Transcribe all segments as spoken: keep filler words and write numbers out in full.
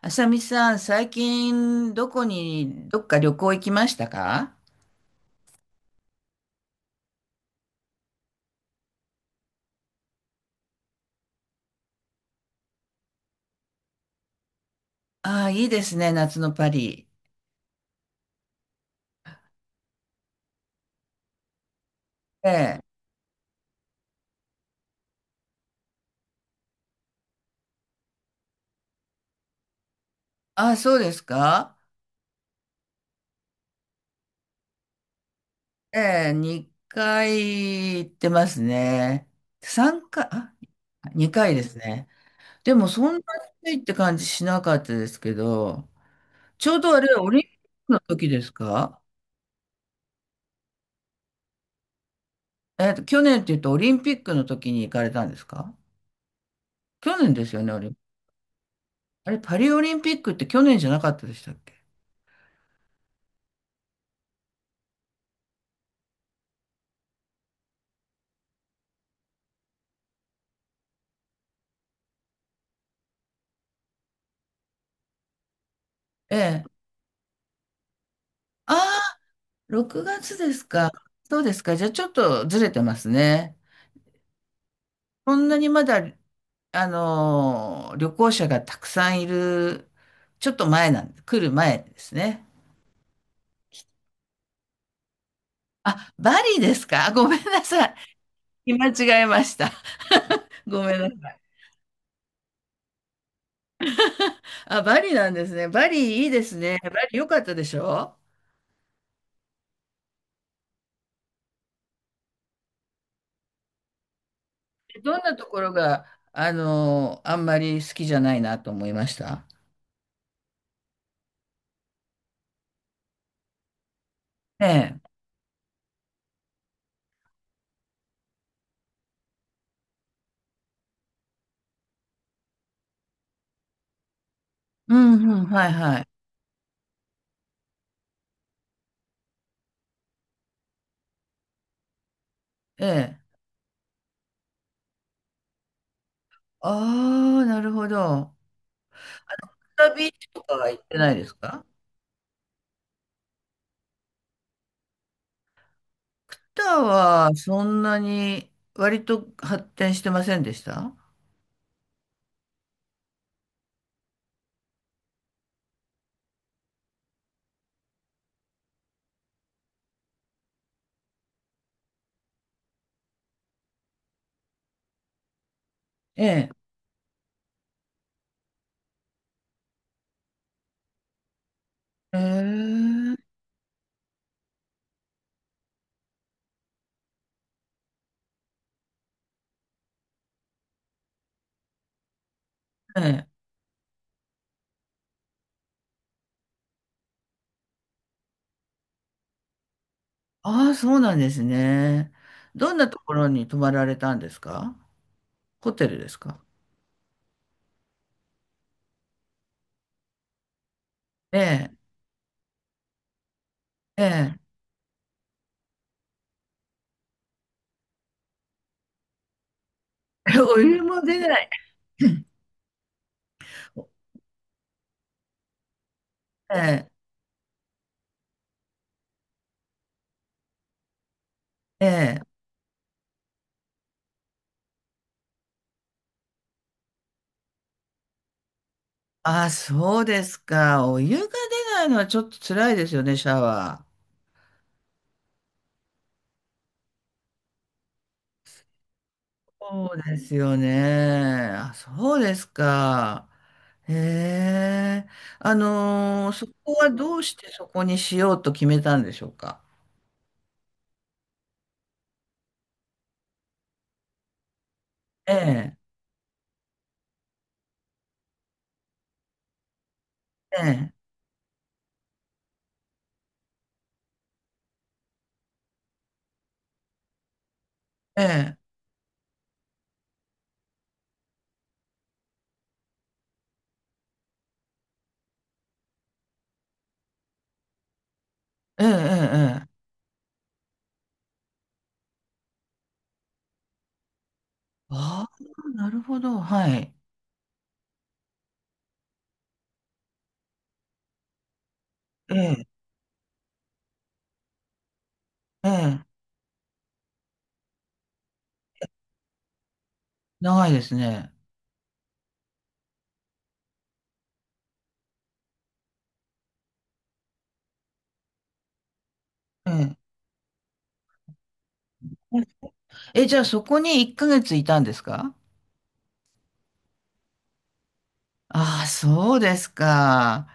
あさみさん、最近どこに、どっか旅行行きましたか？ああ、いいですね、夏のパリ。ええ。ああ、そうですか。ええ、にかい行ってますね。さんかい、あ、にかいですね。でもそんなに暑いって感じしなかったですけど、ちょうどあれ、オリンピックの時ですか？えっと、去年って言うとオリンピックの時に行かれたんですか？去年ですよね、オリンあれ、パリオリンピックって去年じゃなかったでしたっけ？ええ。あ、ろくがつですか。そうですか。じゃあちょっとずれてますね。そんなにまだ、あのー、旅行者がたくさんいる、ちょっと前なんで、来る前ですね。あ、バリですか。あ、ごめんなさい。見間違えました。ごめんなさい。あ、バリなんですね。バリいいですね。バリ良かったでしょ？どんなところが、あのー、あんまり好きじゃないなと思いました。ええ。うんうん、はいはい。ええ。ああ、なるほど。タービーチとかは行ってないですか？ターはそんなに割と発展してませんでした？ええ。ええ。ええ、ああ、そうなんですね。どんなところに泊まられたんですか？ホテルですか？ええ。ええ。お湯も出ない。ええ。ええ。ああ、そうですか。お湯が出ないのはちょっと辛いですよね、シャワー。そうですよね。あ、そうですか。へえ。あのーそこはどうしてそこにしようと決めたんでしょうか。ええ、ええ、ええ、ええ、ええ。ああ、なるほど。はい。ええ、ええ。長いですね。ええ。え、じゃあそこにいっかげついたんですか？ああ、そうですか。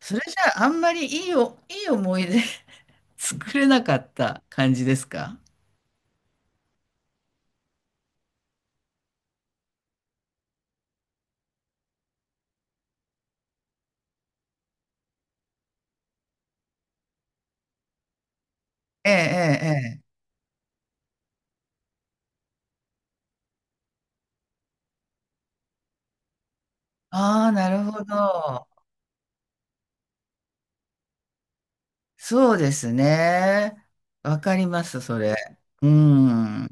それじゃああんまりいいお、いい思い出 作れなかった感じですか？ええ、ええ、ええ。ああ、なるほど。そうですね。わかります、それ。うん。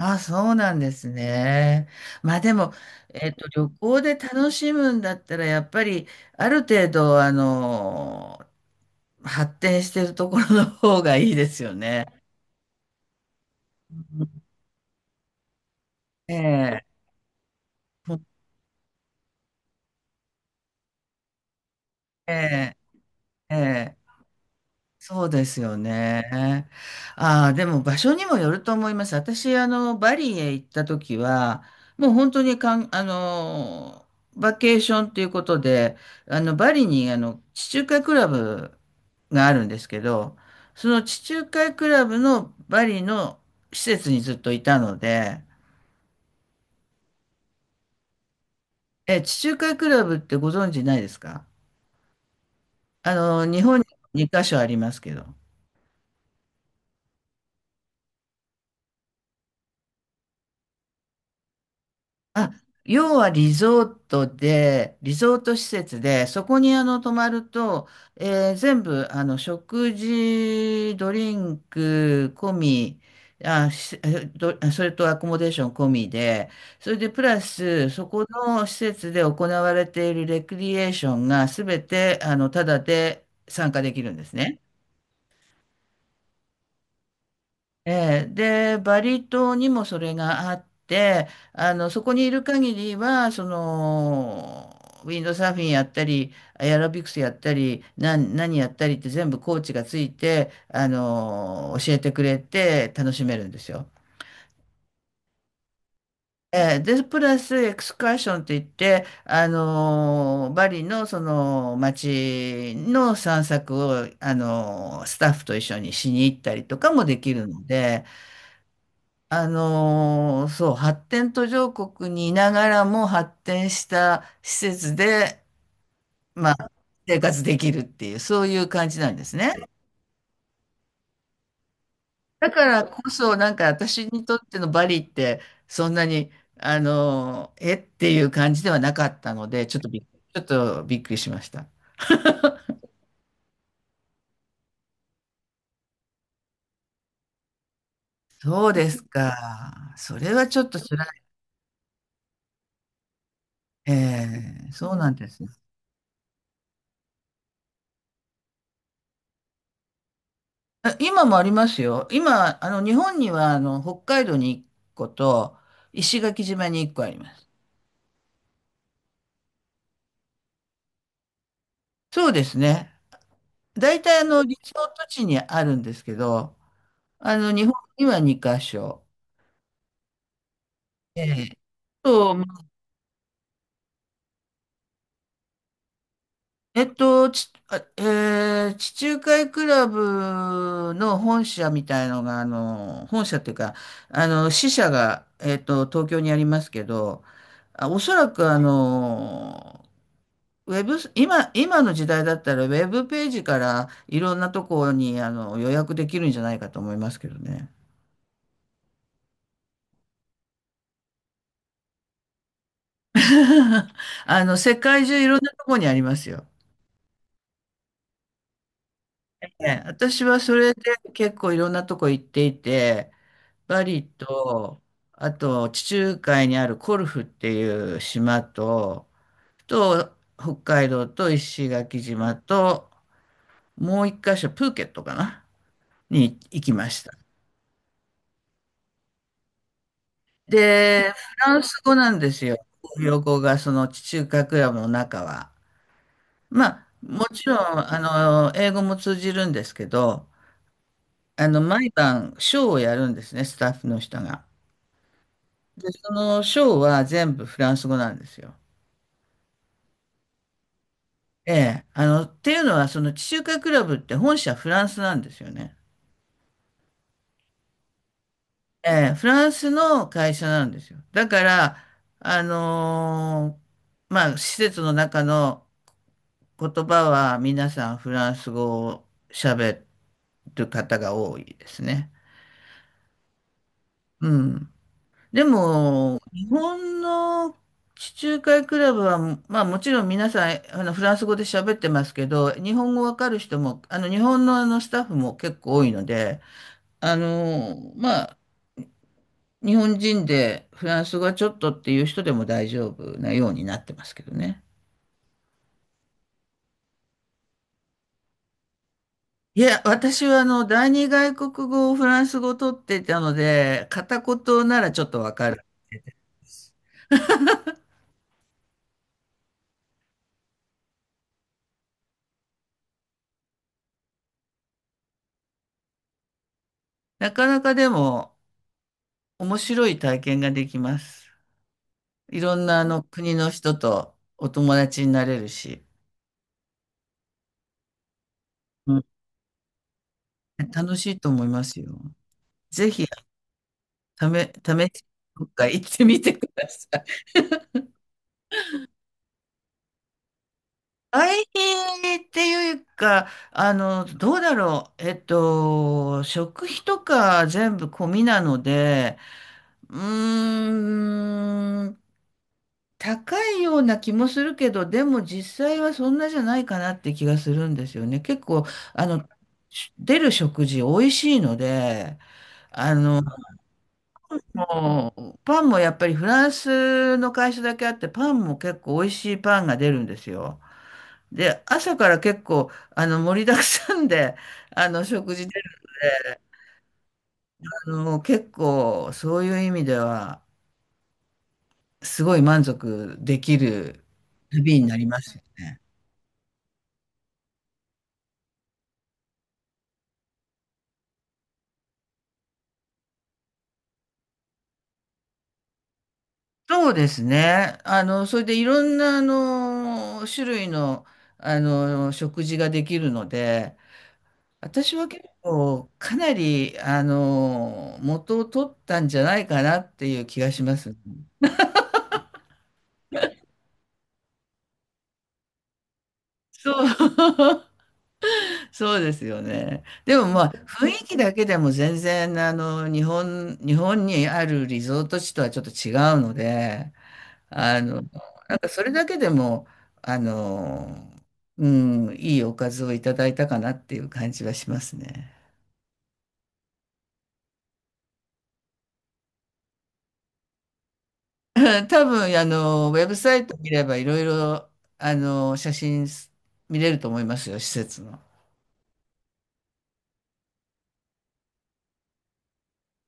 ああ、そうなんですね。まあでも、えっと、旅行で楽しむんだったら、やっぱり、ある程度、あの、発展してるところの方がいいですよね。ええ、ええ、ええ。そうですよね。ああ、でも場所にもよると思います。私、あの、バリへ行った時は、もう本当にかん、あの、バケーションということで、あの、バリに、あの、地中海クラブがあるんですけど、その地中海クラブのバリの施設にずっといたので、え、地中海クラブってご存知ないですか？あの、日本ににカ所ありますけど。あ、要はリゾートで、リゾート施設で、そこにあの泊まると、えー全部あの食事、ドリンク込み、あ、しえどそれとアコモデーション込みで、それでプラス、そこの施設で行われているレクリエーションが全てあのタダで参加できるんですね。ええ、で、バリ島にもそれがあって、あの、そこにいる限りは、その、ウィンドサーフィンやったり、エアロビクスやったり、なん、何やったりって全部コーチがついて、あの、教えてくれて楽しめるんですよ。ええ、で、プラスエクスカーションとい言って、あの、バリのその街の散策を、あの、スタッフと一緒にしに行ったりとかもできるので、あのーそう、発展途上国にいながらも発展した施設で、まあ、生活できるっていう、そういう感じなんですね。だからこそ、なんか私にとってのバリって、そんなに、あのーえっていう感じではなかったので、ちょっとびっ、ちょっとびっくりしました。そうですか。それはちょっと辛い。ええ、そうなんですね。あ、今もありますよ。今、あの、日本には、あの、北海道にいっこと、石垣島にいっこあります。そうですね。大体、あの、リゾート地にあるんですけど、あの、日本にはに箇所。ええと、えっと、ち、あえー地中海クラブの本社みたいのが、あの、本社っていうか、あの、支社が、えっと、東京にありますけど、あおそらく、あの、ウェブ、今、今の時代だったら、ウェブページからいろんなところにあの予約できるんじゃないかと思いますけどね。あの、世界中いろんなところにありますよ。ね、私はそれで結構いろんなとこ行っていて、バリと、あと地中海にあるコルフっていう島と、と、北海道と石垣島と、もう一箇所プーケットかなに行きました。で、フランス語なんですよ。公語が、その地中海クラブの中は。まあ、もちろん、あの、英語も通じるんですけど、あの、毎晩、ショーをやるんですね、スタッフの人が。で、そのショーは全部フランス語なんですよ。ええ、あの、っていうのは、その地中海クラブって本社フランスなんですよね。ええ、フランスの会社なんですよ。だから、あのーまあ、施設の中の言葉は皆さんフランス語を喋る方が多いですね。うん。でも、日本の地中海クラブは、まあもちろん皆さん、あのフランス語で喋ってますけど、日本語わかる人も、あの日本のあのスタッフも結構多いので、あの、まあ日本人でフランス語はちょっとっていう人でも大丈夫なようになってますけどね。いや、私はあの、第二外国語をフランス語を取っていたので、片言ならちょっとわかる。なかなかでも面白い体験ができます。いろんなあの国の人とお友達になれるし、うん、楽しいと思いますよ。ぜひ、ため、試し、どっか行ってみてください。大変っていうか、あの、どうだろう。えっと、食費とか全部込みなので、うーん、高いような気もするけど、でも実際はそんなじゃないかなって気がするんですよね。結構、あの、し出る食事美味しいので、あの、もう、パンもやっぱりフランスの会社だけあって、パンも結構美味しいパンが出るんですよ。で、朝から結構、あの、盛りだくさんで、あの、食事出るので、あの、結構、そういう意味では、すごい満足できる旅になりますよね。そうですね。あの、それでいろんな、あの、種類の、あの、食事ができるので、私は結構、かなり、あの、元を取ったんじゃないかなっていう気がします。そう。そうですよね。でもまあ雰囲気だけでも全然あの日本、日本にあるリゾート地とはちょっと違うので、あの、なんかそれだけでも、あの、うん、いいおかずをいただいたかなっていう感じはしますね。多分あの、ウェブサイト見ればいろいろあの、写真見れると思いますよ、施設の。